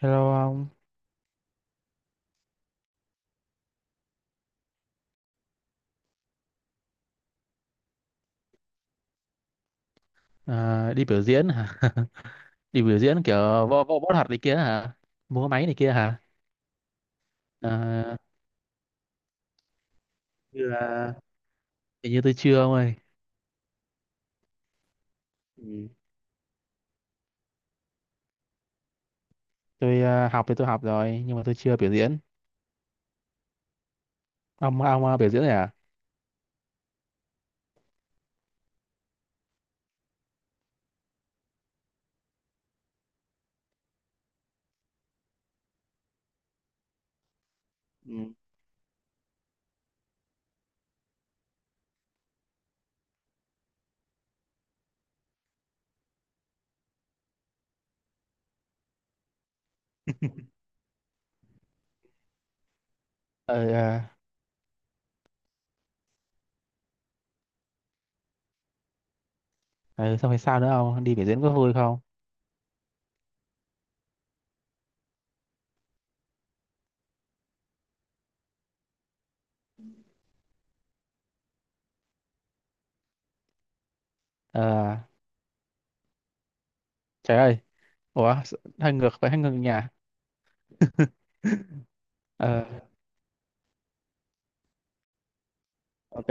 Hello ông. À, đi biểu diễn hả? Đi biểu diễn kiểu võ võ võ thuật này kia hả? Múa máy này kia hả? À, như là, hình như tôi chưa ông ơi. Ừ. Tôi à, học thì tôi học rồi nhưng mà tôi chưa biểu diễn. Ông à, biểu diễn rồi à? Ừ. Ờ, à, ờ, xong rồi sao nữa ông? Đi biểu diễn có vui không? Ờ, trời ơi. Ủa, hơi ngược, phải, hơi ngược nhà. Ờ, ok.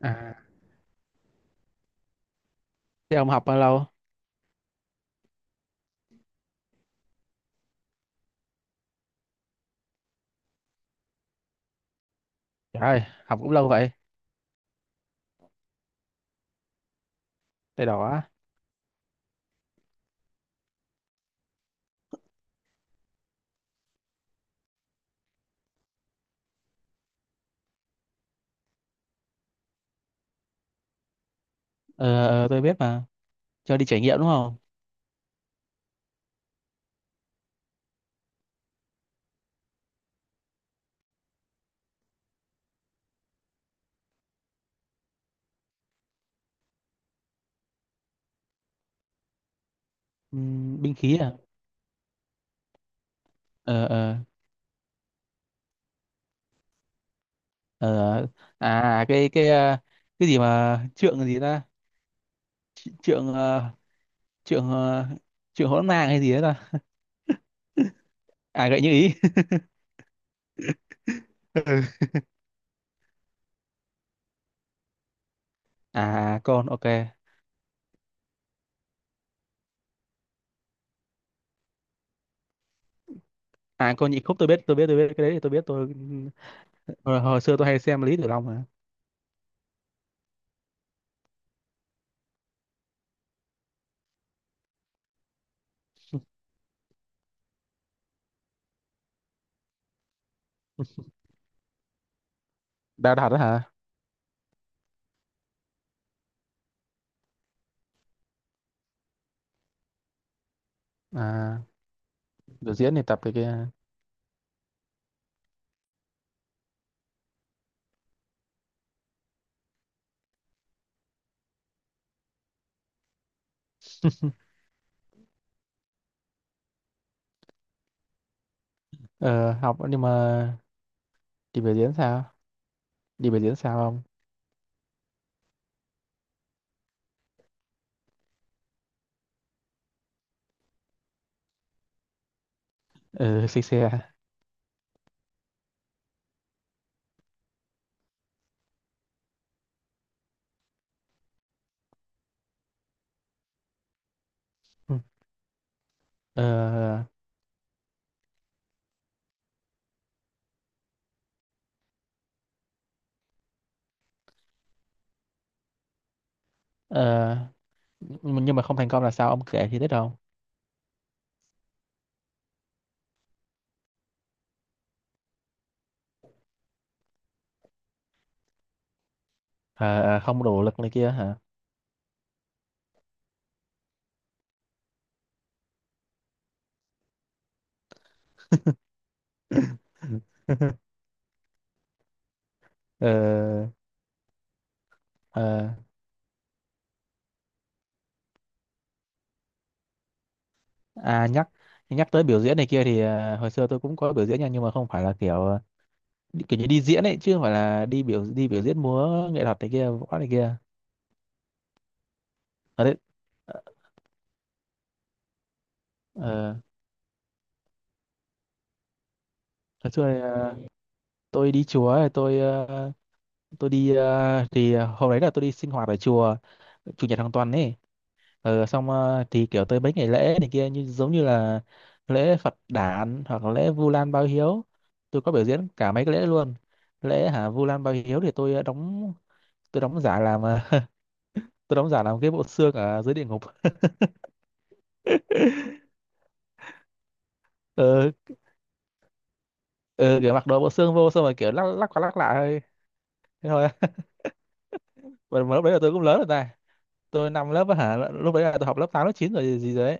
À, thế ông học bao lâu? Trời ơi, học cũng lâu vậy. Tay đỏ. Ờ, ờ, tôi biết mà. Cho đi trải nghiệm đúng không? Binh khí à. Ờ, ờ, ờ, ờ. À, cái ờ, cái gì mà trượng gì ta. Trượng ờ, trượng ờ, trượng hỗn mang hay gì đấy ta? À, gậy như ý. Ừ. À, con, ok. À, con nhị khúc tôi biết, tôi biết, tôi biết cái đấy thì tôi biết tôi. Hồi xưa tôi hay xem Lý Tử Long mà. Đào thật đó hả? À, biểu diễn thì tập cái kia. Ờ, học nhưng mà đi biểu diễn sao đi biểu diễn sao không? Ừ. Xích xe. Ừ. Ờ, ờ. Nhưng mà không thành công là sao ông kể thì biết không? À, à, không đủ lực này kia hả? Ờ, ờ, à, nhắc nhắc tới biểu diễn này kia thì, à, hồi xưa tôi cũng có biểu diễn nha, nhưng mà không phải là kiểu, à, kiểu như đi diễn ấy, chứ không phải là đi biểu diễn múa nghệ thuật này kia, võ này kia. Ở đấy. Ờ, hồi xưa thì, à, tôi đi chùa ấy, tôi à, tôi đi à, thì à, hôm đấy là tôi đi sinh hoạt ở chùa chủ nhật hàng tuần ấy. Ờ, xong, ờ, thì kiểu tới mấy ngày lễ này kia, như giống như là lễ Phật Đản hoặc là lễ Vu Lan báo hiếu, tôi có biểu diễn cả mấy cái lễ luôn. Lễ hả, Vu Lan báo hiếu thì tôi đóng giả làm, ờ, tôi đóng giả làm cái bộ xương ở dưới địa ngục. Ờ, ờ, kiểu mặc đồ bộ xương vô xong rồi kiểu lắc, lắc qua lắc lại thôi, thế thôi. Mà lúc đấy là tôi cũng lớn rồi ta, tôi năm lớp á hả, lúc đấy là tôi học lớp 8 lớp 9 rồi, gì gì rồi đấy.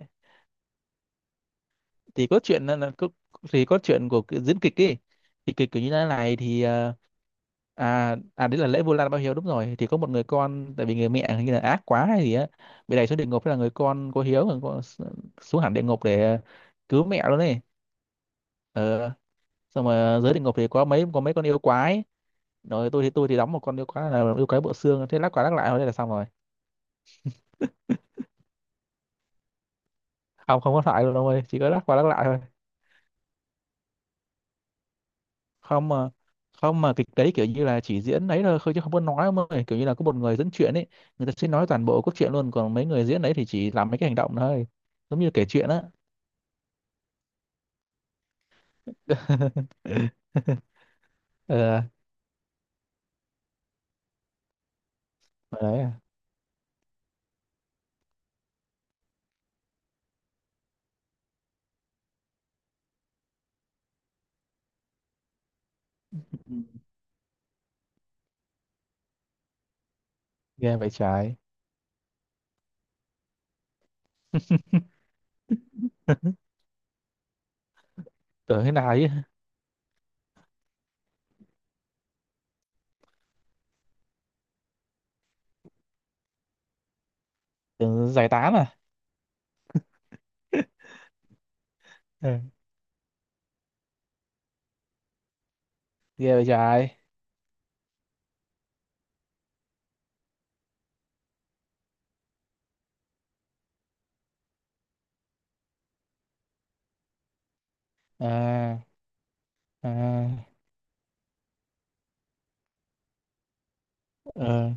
Thì cốt truyện thì cốt truyện của cái diễn kịch ấy, thì kịch kiểu như thế này thì, ờ, à, à, đấy là lễ Vu Lan báo hiếu đúng rồi, thì có một người con, tại vì người mẹ hình như là ác quá hay gì á, bị đẩy xuống địa ngục, thế là người con có hiếu, người con xuống hẳn địa ngục để cứu mẹ luôn ấy. Ờ, xong mà dưới địa ngục thì có mấy con yêu quái, rồi tôi thì đóng một con yêu quái, là yêu quái bộ xương, thế lắc qua lắc lại thôi, thế là xong rồi. Không, không có thoại luôn ông ơi, chỉ có lắc qua lắc lại thôi. Không mà không mà kịch đấy kiểu như là chỉ diễn đấy thôi chứ không có nói ông ơi, kiểu như là có một người dẫn chuyện ấy, người ta sẽ nói toàn bộ cốt truyện luôn, còn mấy người diễn đấy thì chỉ làm mấy cái hành động thôi, giống như kể chuyện á. Ờ, mà đấy à. Ừ, ghê vậy trái. Tưởng thế nào chứ, tưởng giải tán à. Ừ, ghê vậy trái. À, à, ờ.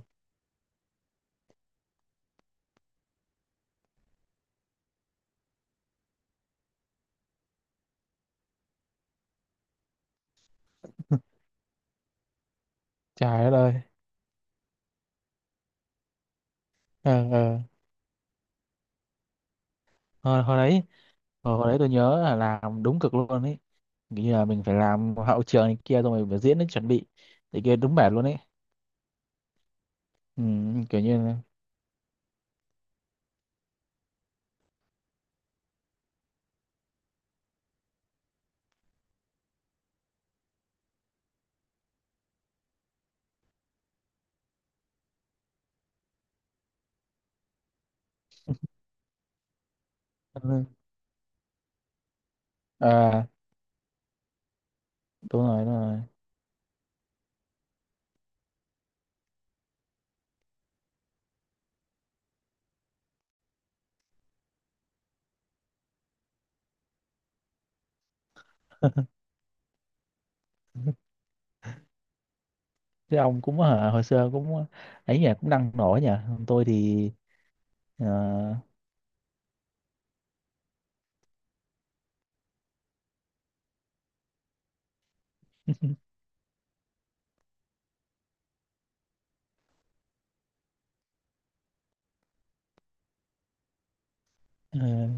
Trời đất ơi. Ờ, ờ, hồi, hồi đấy hồi đấy tôi nhớ là làm đúng cực luôn ấy. Kiểu như là mình phải làm hậu trường này kia, xong rồi mình phải diễn đến chuẩn bị, thì kia đúng mệt luôn ấy. Ừ, kiểu như là, à, đúng rồi, đúng rồi. Thế ông cũng hả, hồi xưa cũng ấy nhỉ, cũng đang nổi nhỉ. Còn tôi thì, ờ, ờ,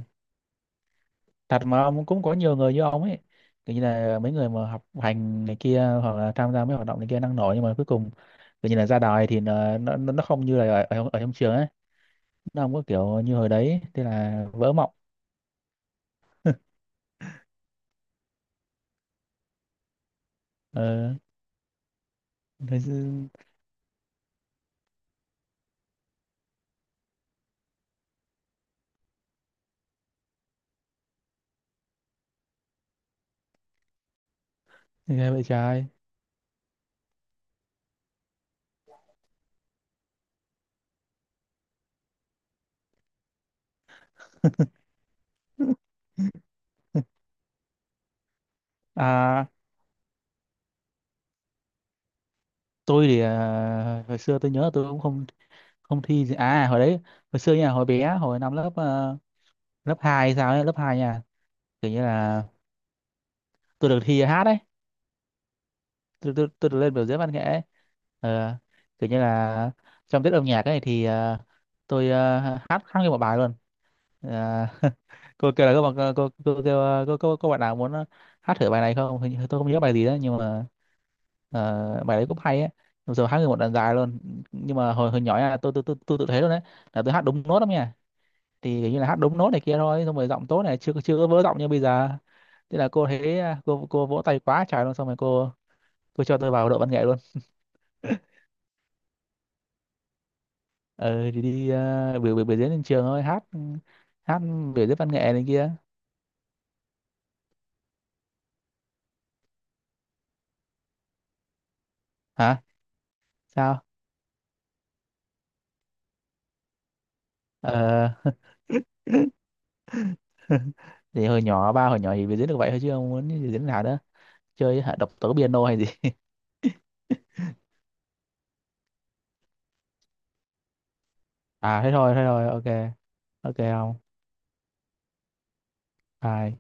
thật mà ông, cũng có nhiều người như ông ấy, kiểu như là mấy người mà học hành này kia hoặc là tham gia mấy hoạt động này kia đang nổi nhưng mà cuối cùng, kiểu như là ra đời thì nó không như là ở trong trường ấy, nó không có kiểu như hồi đấy, thế là vỡ mộng. Ờ, thế. Ghê vậy trời. À, tôi thì, à, hồi xưa tôi nhớ là tôi cũng không không thi gì. À, hồi đấy, hồi xưa nha, hồi bé, hồi năm lớp, ờ, lớp hai hay sao ấy, lớp 2 nha. Kiểu như là tôi được thi hát đấy. Tôi được lên biểu diễn văn nghệ ấy. Ờ, kiểu như là trong tiết âm nhạc ấy thì, ờ, tôi, ờ, hát hát nguyên một bài luôn. Ờ, cô kêu là cô kêu ờ, cô bạn nào muốn, ờ, hát thử bài này không? Hình như tôi không nhớ bài gì đó nhưng mà, ờ, bài đấy cũng hay ấy, bây giờ hát nguyên một đoạn dài luôn. Nhưng mà hồi hồi nhỏ nha, tôi tự thấy luôn đấy là tôi hát đúng nốt lắm nha, thì kiểu như là hát đúng nốt này kia thôi, xong rồi giọng tốt này, chưa chưa có vỡ giọng như bây giờ. Thế là cô thấy à, cô vỗ tay quá trời luôn, xong rồi cô cho tôi vào đội văn nghệ luôn. Ờ, thì đi, biểu biểu biểu diễn trên trường thôi, hát, hát, biểu diễn văn nghệ này kia. Hả sao? Ờ. Thì hồi nhỏ, ba hồi nhỏ thì biểu diễn được vậy thôi chứ không muốn biểu diễn nào nữa. Chơi hả, độc tấu piano hay gì? À, thế thôi, thế thôi, ok. Ok, không. Bye.